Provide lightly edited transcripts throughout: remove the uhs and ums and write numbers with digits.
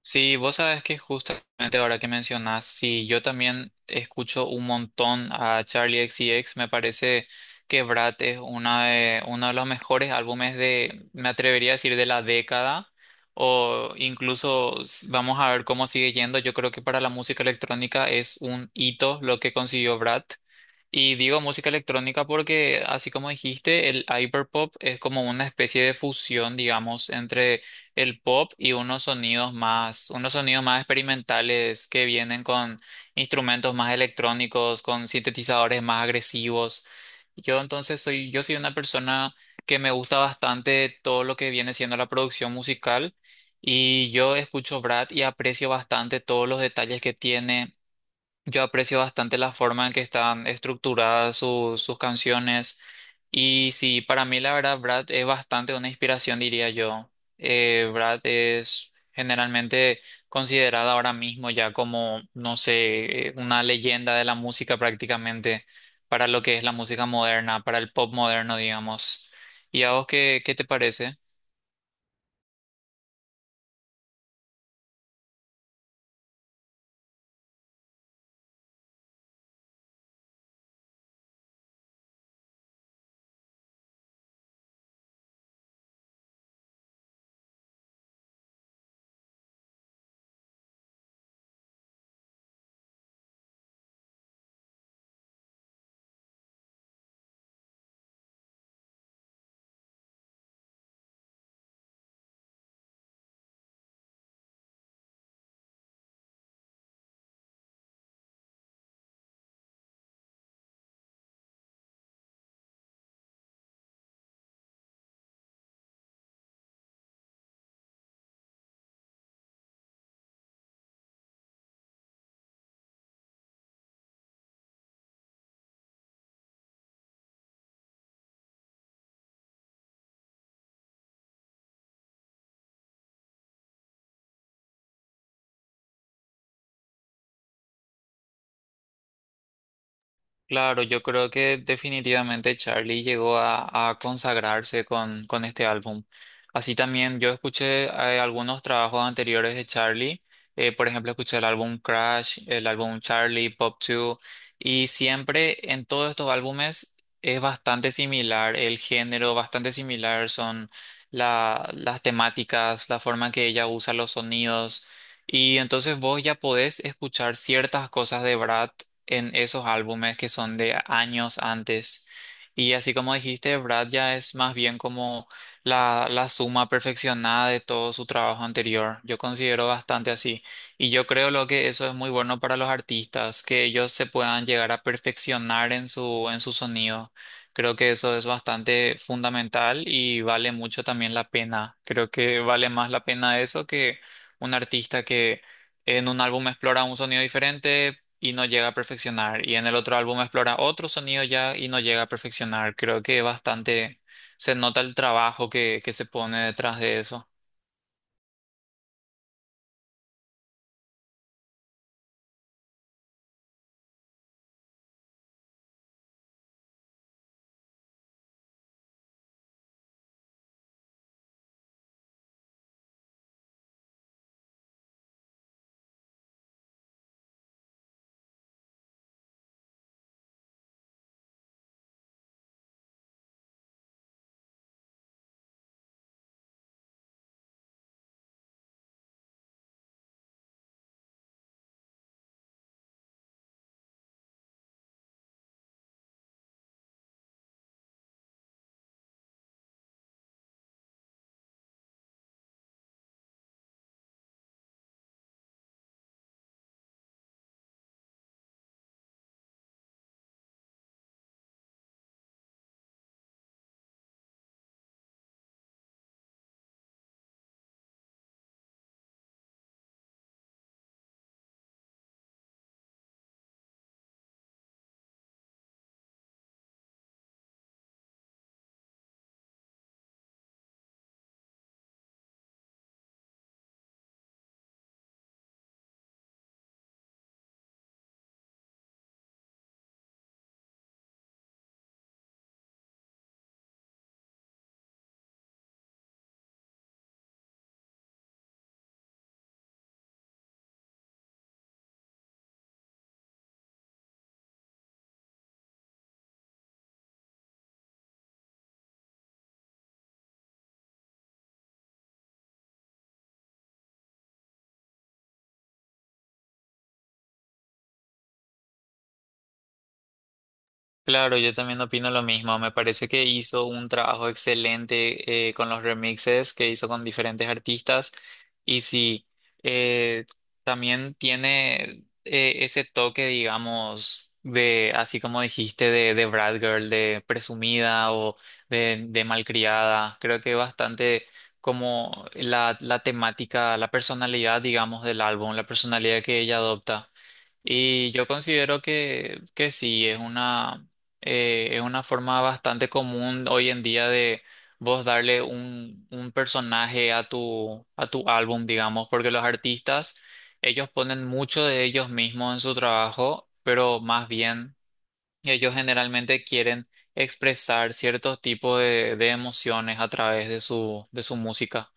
Sí, vos sabes que justamente ahora que mencionás, sí, yo también escucho un montón a Charlie X C X. Me parece que Brad es uno de los mejores álbumes de, me atrevería a decir, de la década, o incluso vamos a ver cómo sigue yendo. Yo creo que para la música electrónica es un hito lo que consiguió Brad. Y digo música electrónica porque, así como dijiste, el hyperpop es como una especie de fusión, digamos, entre el pop y unos sonidos más experimentales que vienen con instrumentos más electrónicos, con sintetizadores más agresivos. Yo soy una persona que me gusta bastante todo lo que viene siendo la producción musical, y yo escucho Brad y aprecio bastante todos los detalles que tiene. Yo aprecio bastante la forma en que están estructuradas sus canciones. Y sí, para mí la verdad, Brad es bastante una inspiración, diría yo. Brad es generalmente considerada ahora mismo ya como, no sé, una leyenda de la música prácticamente, para lo que es la música moderna, para el pop moderno, digamos. ¿Y a vos qué te parece? Claro, yo creo que definitivamente Charlie llegó a consagrarse con este álbum. Así también yo escuché algunos trabajos anteriores de Charlie. Eh, por ejemplo, escuché el álbum Crash, el álbum Charlie, Pop 2, y siempre en todos estos álbumes es bastante similar el género, bastante similar son las temáticas, la forma en que ella usa los sonidos. Y entonces vos ya podés escuchar ciertas cosas de Brad en esos álbumes que son de años antes. Y así como dijiste, Brad ya es más bien como la suma perfeccionada de todo su trabajo anterior. Yo considero bastante así. Y yo creo lo que eso es muy bueno para los artistas, que ellos se puedan llegar a perfeccionar en en su sonido. Creo que eso es bastante fundamental y vale mucho también la pena. Creo que vale más la pena eso que un artista que en un álbum explora un sonido diferente y no llega a perfeccionar. Y en el otro álbum explora otro sonido ya y no llega a perfeccionar. Creo que bastante se nota el trabajo que se pone detrás de eso. Claro, yo también opino lo mismo. Me parece que hizo un trabajo excelente con los remixes que hizo con diferentes artistas. Y sí, eh, también tiene ese toque, digamos, así como dijiste, de Brat Girl, de presumida o de malcriada. Creo que bastante como la temática, la personalidad, digamos, del álbum, la personalidad que ella adopta. Y yo considero que sí, es una forma bastante común hoy en día de vos darle un personaje a a tu álbum, digamos, porque los artistas, ellos ponen mucho de ellos mismos en su trabajo, pero más bien ellos generalmente quieren expresar ciertos tipos de emociones a través de de su música.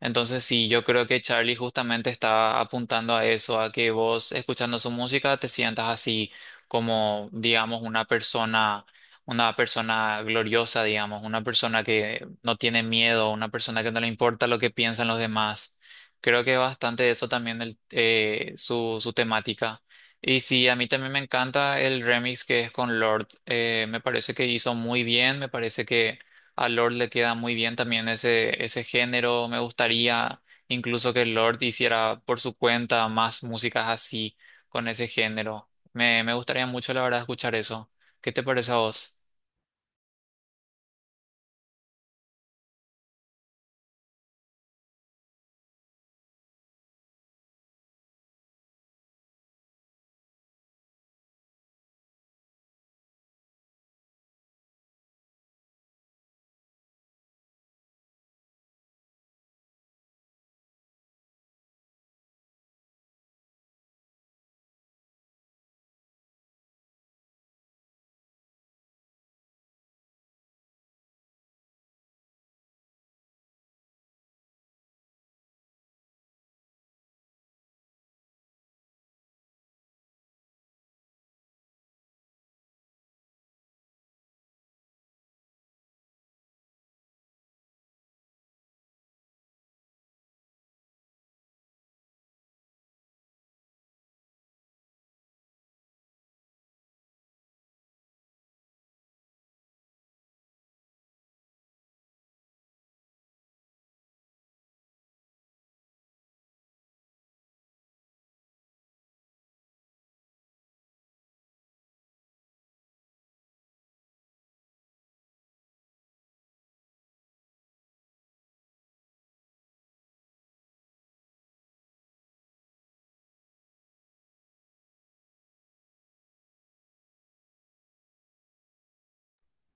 Entonces, sí, yo creo que Charlie justamente está apuntando a eso, a que vos escuchando su música te sientas así como, digamos, una persona gloriosa, digamos, una persona que no tiene miedo, una persona que no le importa lo que piensan los demás. Creo que es bastante eso también su, su temática. Y sí, a mí también me encanta el remix que es con Lord. Me parece que hizo muy bien, me parece que a Lord le queda muy bien también ese género. Me gustaría incluso que Lord hiciera por su cuenta más músicas así, con ese género. Me gustaría mucho, la verdad, escuchar eso. ¿Qué te parece a vos?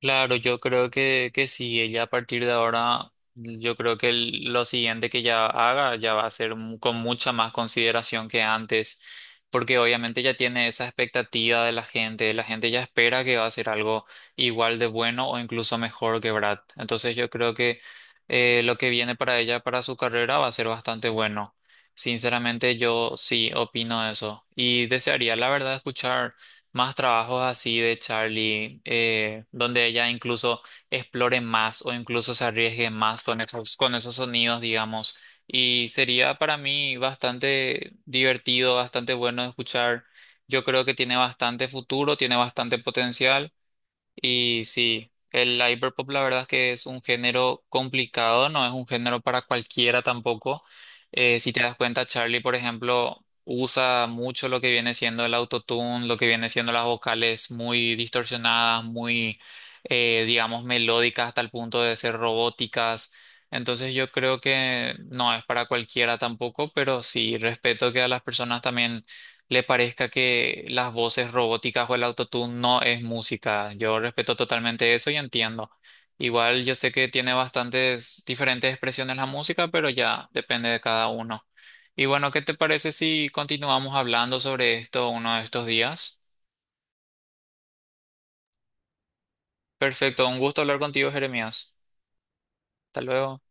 Claro, yo creo que sí, ella a partir de ahora, yo creo que lo siguiente que ella haga ya va a ser con mucha más consideración que antes, porque obviamente ya tiene esa expectativa de la gente ya espera que va a ser algo igual de bueno o incluso mejor que Brad. Entonces yo creo que lo que viene para ella, para su carrera, va a ser bastante bueno. Sinceramente yo sí opino eso y desearía la verdad escuchar más trabajos así de Charlie, donde ella incluso explore más o incluso se arriesgue más con con esos sonidos, digamos. Y sería para mí bastante divertido, bastante bueno de escuchar. Yo creo que tiene bastante futuro, tiene bastante potencial. Y sí, el hyperpop la verdad es que es un género complicado, no es un género para cualquiera tampoco. Si te das cuenta, Charlie, por ejemplo, usa mucho lo que viene siendo el autotune, lo que viene siendo las vocales muy distorsionadas, muy, digamos, melódicas hasta el punto de ser robóticas. Entonces yo creo que no es para cualquiera tampoco, pero sí respeto que a las personas también le parezca que las voces robóticas o el autotune no es música. Yo respeto totalmente eso y entiendo. Igual yo sé que tiene bastantes diferentes expresiones la música, pero ya depende de cada uno. Y bueno, ¿qué te parece si continuamos hablando sobre esto uno de estos días? Perfecto, un gusto hablar contigo, Jeremías. Hasta luego.